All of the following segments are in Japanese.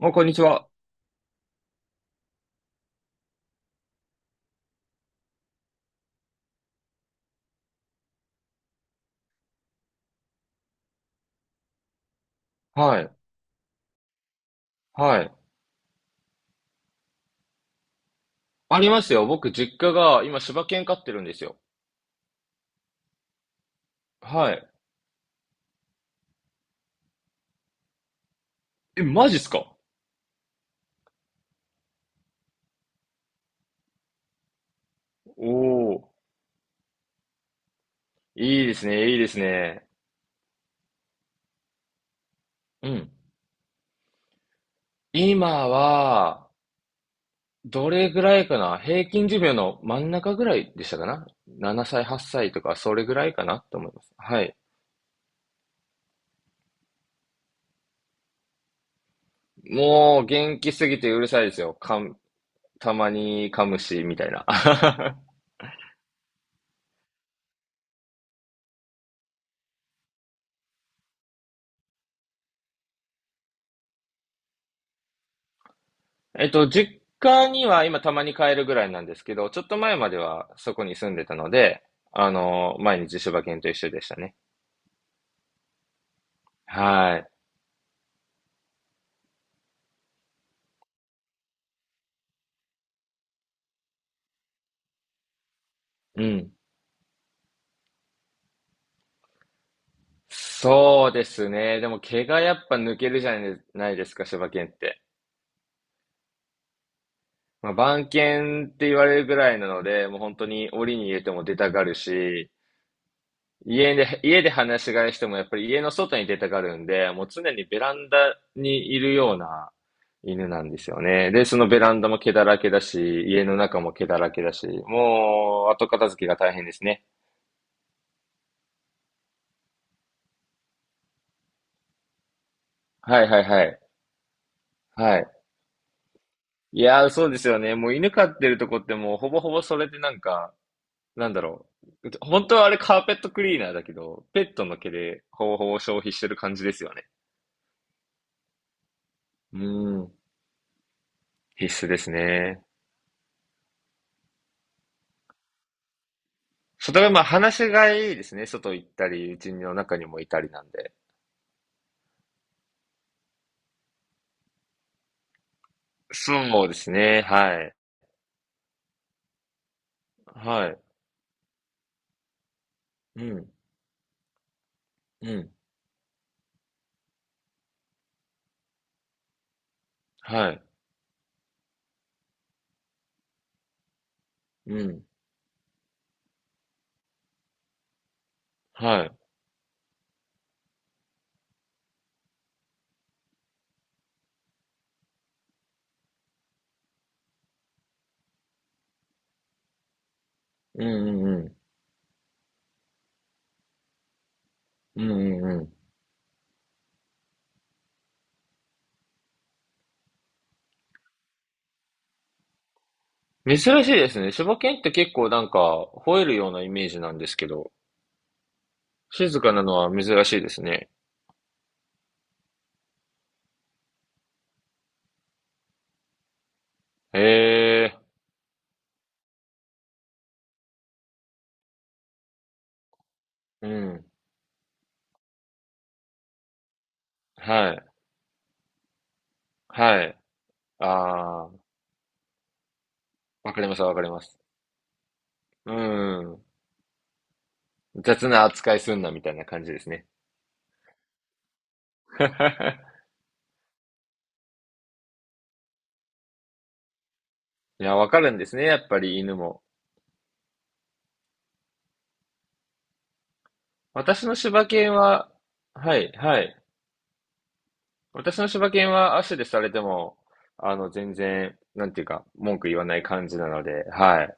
あ、こんにちは。はい。はい。ありますよ。僕、実家が今、柴犬飼ってるんですよ。はい。え、マジっすか？おー。いいですね、いいですね。うん。今は、どれぐらいかな。平均寿命の真ん中ぐらいでしたかな ?7 歳、8歳とか、それぐらいかなと思います。はい。もう、元気すぎてうるさいですよ。たまに噛むし、みたいな。実家には今たまに帰るぐらいなんですけど、ちょっと前まではそこに住んでたので、毎日柴犬と一緒でしたね。はい。うん。そうですね。でも毛がやっぱ抜けるじゃないですか、柴犬って。まあ、番犬って言われるぐらいなので、もう本当に檻に入れても出たがるし、家で、家で話し飼いしてもやっぱり家の外に出たがるんで、もう常にベランダにいるような犬なんですよね。で、そのベランダも毛だらけだし、家の中も毛だらけだし、もう後片付けが大変ですね。はいはいはい。はい。いやー、そうですよね。もう犬飼ってるとこってもうほぼほぼそれでなんか、なんだろう。本当はあれカーペットクリーナーだけど、ペットの毛でほぼほぼ消費してる感じですよね。うん。必須ですね。それはまあ話がいいですね。外行ったり、うちの中にもいたりなんで。そうですね。はい。はい。うん。うん。はい。うん。はい。うんうんうん。うんうんうん。珍しいですね。柴犬って結構なんか吠えるようなイメージなんですけど、静かなのは珍しいですね。へえ。うん。はい。はい。ああ、わかりますわかります。うん。雑な扱いすんなみたいな感じですね。いや、わかるんですね、やっぱり犬も。私の柴犬は、はい、はい。私の柴犬は足でされても、全然、なんていうか、文句言わない感じなので、はい。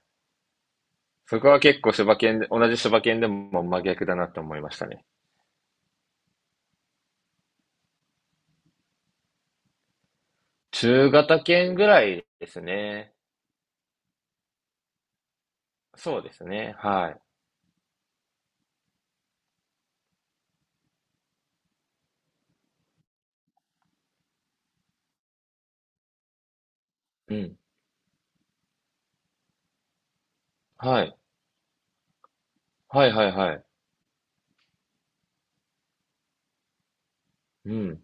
そこは結構柴犬で、同じ柴犬でも真逆だなって思いましたね。中型犬ぐらいですね。そうですね、はい。うん。はい。はいはいはい。うん。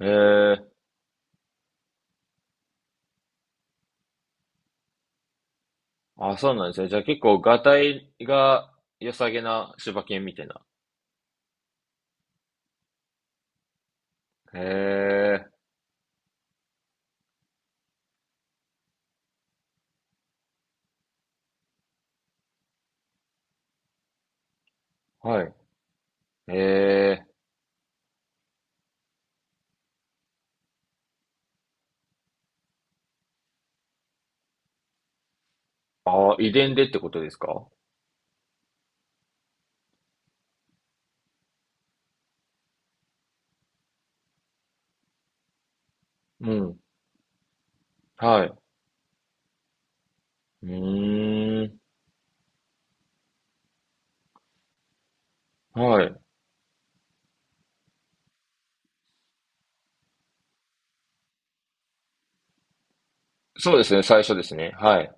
ええ。あ、そうなんですね。じゃあ結構、がたいが良さげな柴犬みたいな。へえ、はい。へえ。ああ、遺伝でってことですか？うん。はい。うーん。はい。そうですね、最初ですね。はい。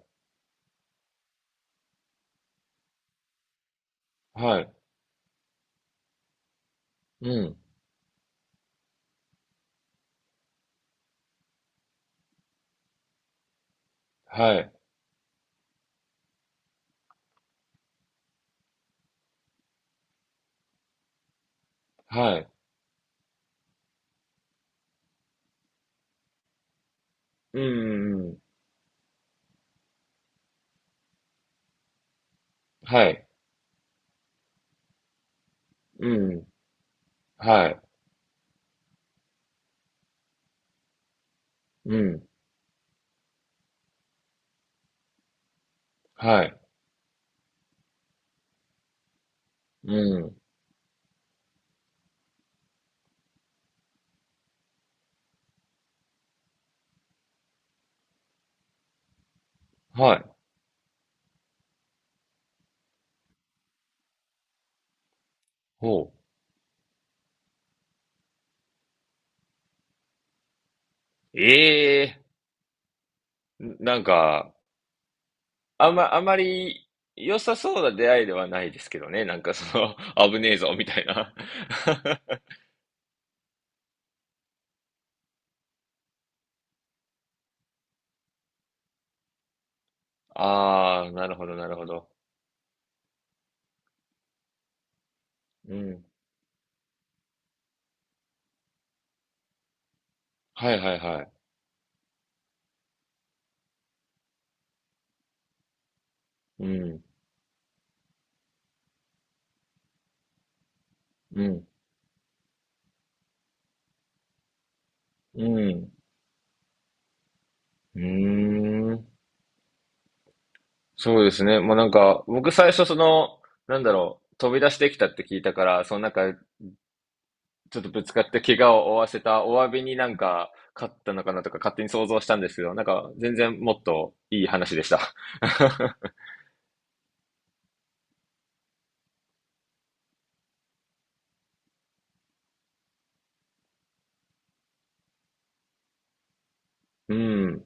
はい。うん。はい。はい。うんうんうん。はい。うん。はい。うん。はい。うん。はい。ほう。ええ、なんか、あんまり良さそうな出会いではないですけどね。なんかその、危ねえぞ、みたいな。ああ、なるほど、なるほど。うん。はいはいはい。うん、うん、うん。うーん。そうですね。もうなんか、僕最初その、なんだろう、飛び出してきたって聞いたから、そのなんか、ちょっとぶつかって怪我を負わせたお詫びになんか、勝ったのかなとか勝手に想像したんですけど、なんか、全然もっといい話でした。うん、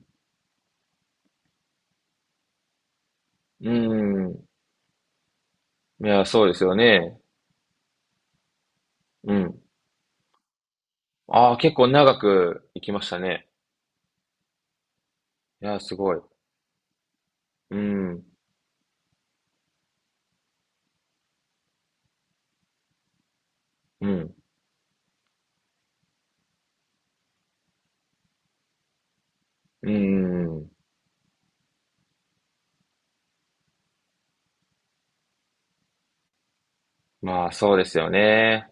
うん。いや、そうですよね。うん。ああ、結構長く行きましたね。いや、すごい。うん、うん、うん。まあ、そうですよね。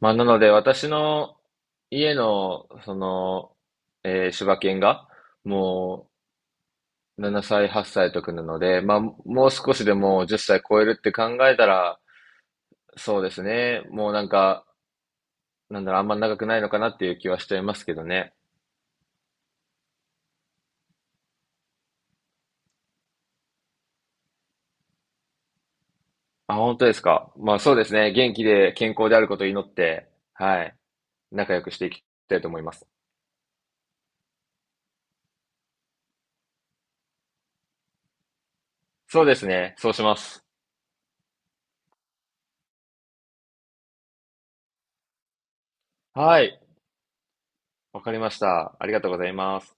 まあ、なので、私の家の、その、柴犬が、もう、7歳、8歳とくなので、まあ、もう少しでもう10歳超えるって考えたら、そうですね。もうなんか、なんだろう、あんま長くないのかなっていう気はしちゃいますけどね。あ、本当ですか。まあ、そうですね。元気で健康であることを祈って、はい。仲良くしていきたいと思います。そうですね。そうします。はい。わかりました。ありがとうございます。